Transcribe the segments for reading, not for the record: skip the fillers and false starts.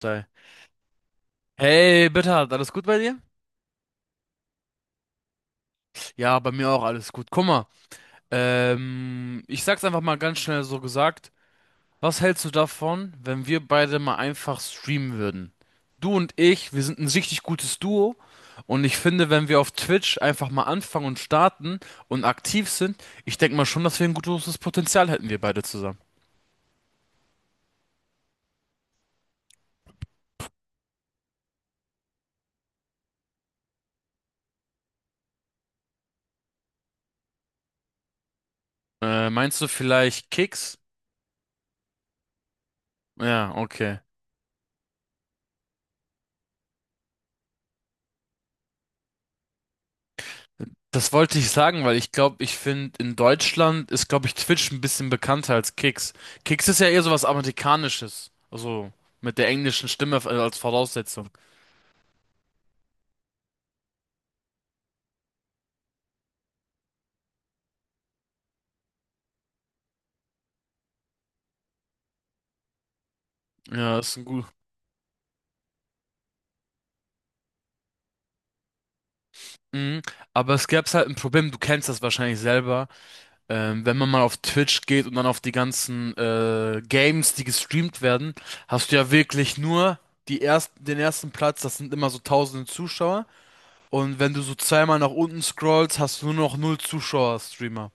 Sei. Hey, Bernhard, alles gut bei dir? Ja, bei mir auch alles gut. Guck mal, ich sag's einfach mal ganz schnell so gesagt. Was hältst du davon, wenn wir beide mal einfach streamen würden? Du und ich, wir sind ein richtig gutes Duo, und ich finde, wenn wir auf Twitch einfach mal anfangen und starten und aktiv sind, ich denke mal schon, dass wir ein gutes Potenzial hätten, wir beide zusammen. Meinst du vielleicht Kicks? Ja, okay. Das wollte ich sagen, weil ich glaube, ich finde, in Deutschland ist, glaube ich, Twitch ein bisschen bekannter als Kicks. Kicks ist ja eher so was Amerikanisches. Also mit der englischen Stimme als Voraussetzung. Ja, ist ein gut. Mhm. Aber es gäbe halt ein Problem, du kennst das wahrscheinlich selber. Wenn man mal auf Twitch geht und dann auf die ganzen Games, die gestreamt werden, hast du ja wirklich nur den ersten Platz, das sind immer so tausende Zuschauer. Und wenn du so zweimal nach unten scrollst, hast du nur noch null Zuschauer-Streamer.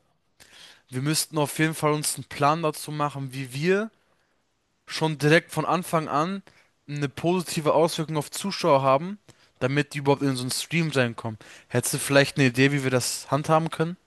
Wir müssten auf jeden Fall uns einen Plan dazu machen, wie wir schon direkt von Anfang an eine positive Auswirkung auf Zuschauer haben, damit die überhaupt in so einen Stream reinkommen. Hättest du vielleicht eine Idee, wie wir das handhaben können?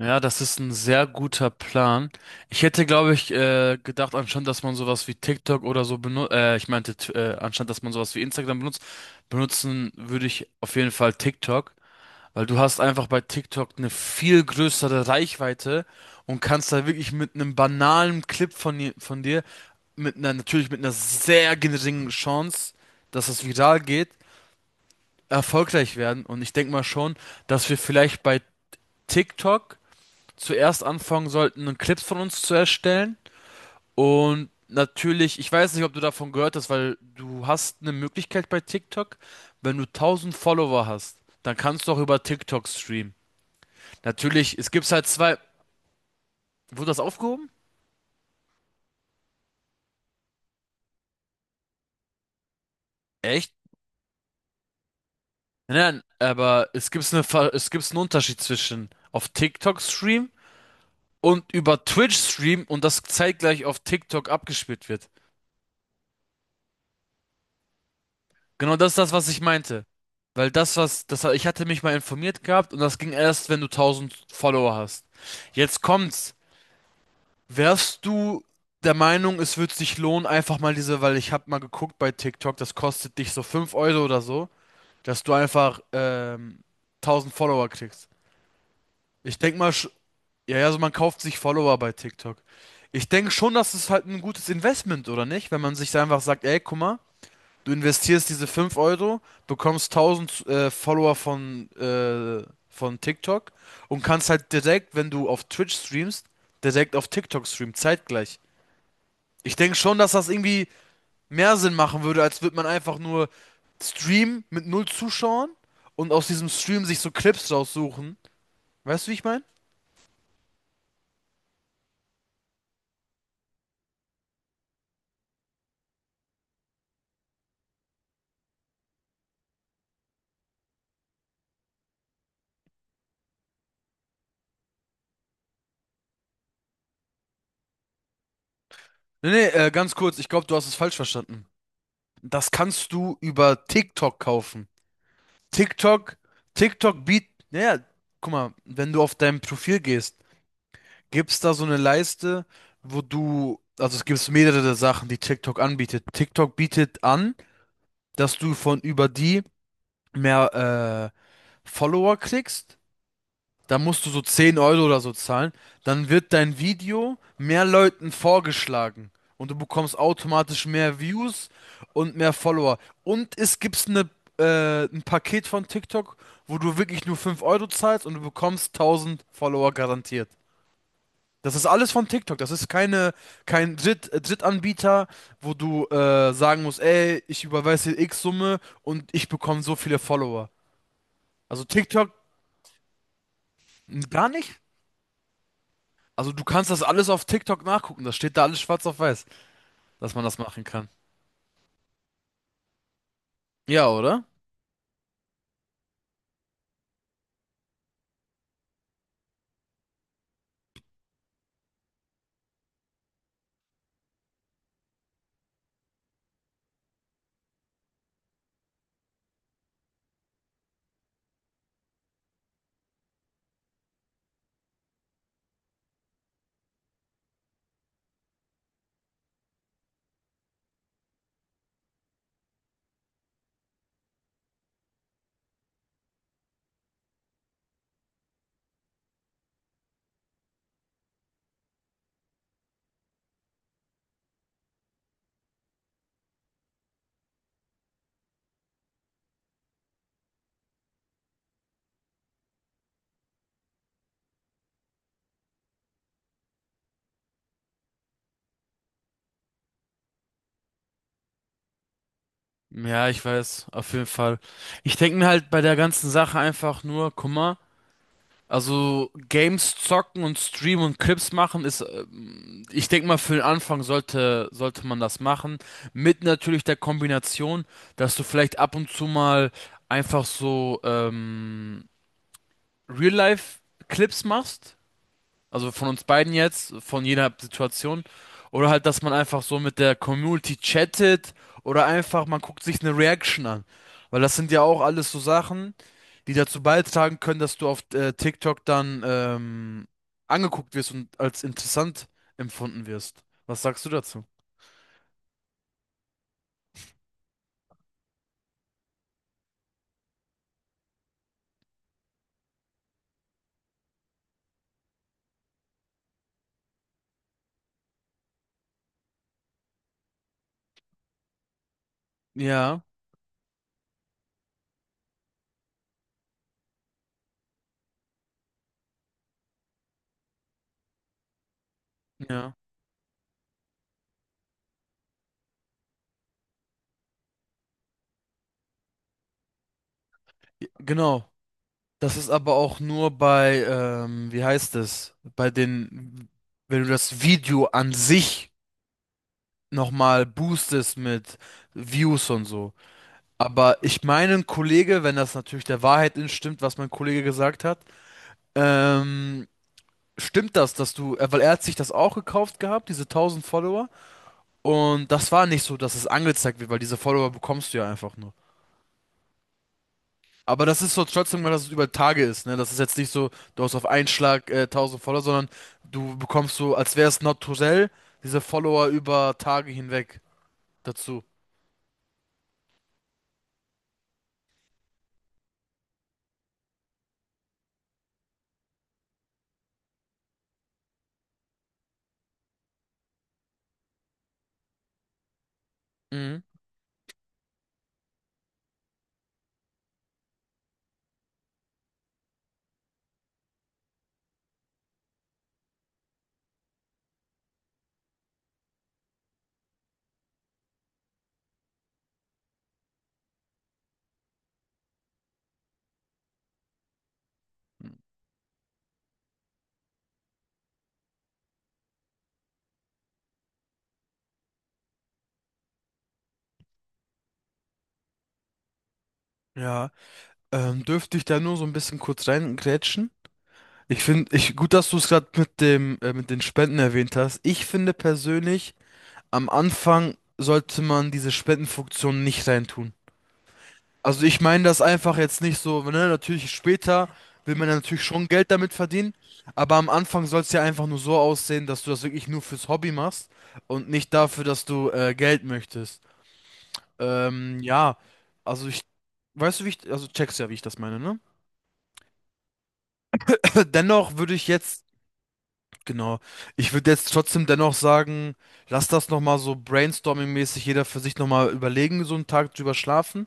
Ja, das ist ein sehr guter Plan. Ich hätte, glaube ich, gedacht, anstatt dass man sowas wie TikTok oder so benutzt, ich meinte, anstatt dass man sowas wie Instagram benutzt, benutzen würde ich auf jeden Fall TikTok. Weil du hast einfach bei TikTok eine viel größere Reichweite und kannst da wirklich mit einem banalen Clip von, von dir, natürlich mit einer sehr geringen Chance, dass es viral geht, erfolgreich werden. Und ich denke mal schon, dass wir vielleicht bei TikTok zuerst anfangen sollten, Clips von uns zu erstellen. Und natürlich, ich weiß nicht, ob du davon gehört hast, weil du hast eine Möglichkeit bei TikTok: wenn du 1000 Follower hast, dann kannst du auch über TikTok streamen. Natürlich, es gibt's halt zwei. Wurde das aufgehoben? Echt? Nein, nein, aber es gibt's einen Unterschied zwischen auf TikTok Stream und über Twitch Stream, und das zeitgleich auf TikTok abgespielt wird. Genau das ist das, was ich meinte. Weil ich hatte mich mal informiert gehabt, und das ging erst, wenn du 1000 Follower hast. Jetzt kommt's. Wärst du der Meinung, es wird sich lohnen? Einfach mal diese, weil ich hab mal geguckt bei TikTok, das kostet dich so 5 Euro oder so, dass du einfach 1000 Follower kriegst. Ich denke mal, ja, ja, also man kauft sich Follower bei TikTok. Ich denke schon, das ist halt ein gutes Investment, oder nicht? Wenn man sich da einfach sagt: ey, guck mal, du investierst diese 5 Euro, bekommst 1000 Follower von TikTok, und kannst halt direkt, wenn du auf Twitch streamst, direkt auf TikTok streamen, zeitgleich. Ich denke schon, dass das irgendwie mehr Sinn machen würde, als würde man einfach nur streamen mit null Zuschauern und aus diesem Stream sich so Clips raussuchen. Weißt du, wie ich meine? Nee, nee, ganz kurz, ich glaube, du hast es falsch verstanden. Das kannst du über TikTok kaufen. TikTok, TikTok bietet, naja, guck mal, wenn du auf dein Profil gehst, gibt's da so eine Leiste, also es gibt mehrere Sachen, die TikTok anbietet. TikTok bietet an, dass du von über die mehr Follower kriegst. Da musst du so 10 Euro oder so zahlen. Dann wird dein Video mehr Leuten vorgeschlagen, und du bekommst automatisch mehr Views und mehr Follower. Und es gibt ein Paket von TikTok, wo du wirklich nur 5 Euro zahlst und du bekommst 1000 Follower garantiert. Das ist alles von TikTok. Das ist keine, kein Dritt, Drittanbieter, wo du sagen musst: ey, ich überweise dir X Summe und ich bekomme so viele Follower. Also TikTok gar nicht? Also du kannst das alles auf TikTok nachgucken. Das steht da alles schwarz auf weiß, dass man das machen kann. Ja, oder? Ja, ich weiß, auf jeden Fall. Ich denke mir halt bei der ganzen Sache einfach nur: guck mal, also Games zocken und streamen und Clips machen ist, ich denke mal, für den Anfang sollte man das machen. Mit natürlich der Kombination, dass du vielleicht ab und zu mal einfach so Real-Life-Clips machst. Also von uns beiden jetzt, von jeder Situation. Oder halt, dass man einfach so mit der Community chattet oder einfach man guckt sich eine Reaction an. Weil das sind ja auch alles so Sachen, die dazu beitragen können, dass du auf TikTok dann angeguckt wirst und als interessant empfunden wirst. Was sagst du dazu? Ja, ja, Ja, genau. Das ist aber auch nur bei, wie heißt es, bei den, wenn du das Video an sich nochmal boostest mit Views und so. Aber ich meine, ein Kollege, wenn das natürlich der Wahrheit entstimmt, was mein Kollege gesagt hat, ähm, stimmt das, weil er hat sich das auch gekauft gehabt, diese 1000 Follower. Und das war nicht so, dass es angezeigt wird, weil diese Follower bekommst du ja einfach nur. Aber das ist so trotzdem mal, dass es über Tage ist, ne? Das ist jetzt nicht so, du hast auf einen Schlag 1000 Follower, sondern du bekommst so, als wäre es naturell, diese Follower über Tage hinweg dazu. Mhm. Ja. Dürfte ich da nur so ein bisschen kurz reingrätschen? Ich finde, gut, dass du es gerade mit mit den Spenden erwähnt hast. Ich finde persönlich, am Anfang sollte man diese Spendenfunktion nicht reintun. Also ich meine das einfach jetzt nicht so, ne, natürlich später will man ja natürlich schon Geld damit verdienen, aber am Anfang soll es ja einfach nur so aussehen, dass du das wirklich nur fürs Hobby machst und nicht dafür, dass du Geld möchtest. Ja, also ich, weißt du, wie ich, also checkst ja, wie ich das meine, ne? Dennoch würde ich jetzt. Genau. Ich würde jetzt trotzdem dennoch sagen, lass das nochmal so brainstorming-mäßig jeder für sich nochmal überlegen, so einen Tag drüber schlafen.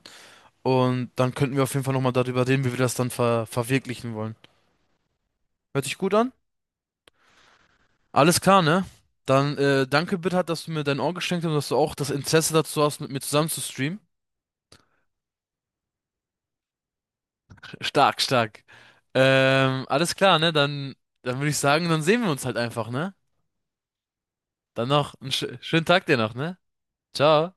Und dann könnten wir auf jeden Fall nochmal darüber reden, wie wir das dann verwirklichen wollen. Hört sich gut an? Alles klar, ne? Dann danke, Bitter, dass du mir dein Ohr geschenkt hast und dass du auch das Interesse dazu hast, mit mir zusammen zu streamen. Stark, stark. Alles klar, ne? Dann würde ich sagen, dann sehen wir uns halt einfach, ne? Dann noch einen schönen Tag dir noch, ne? Ciao.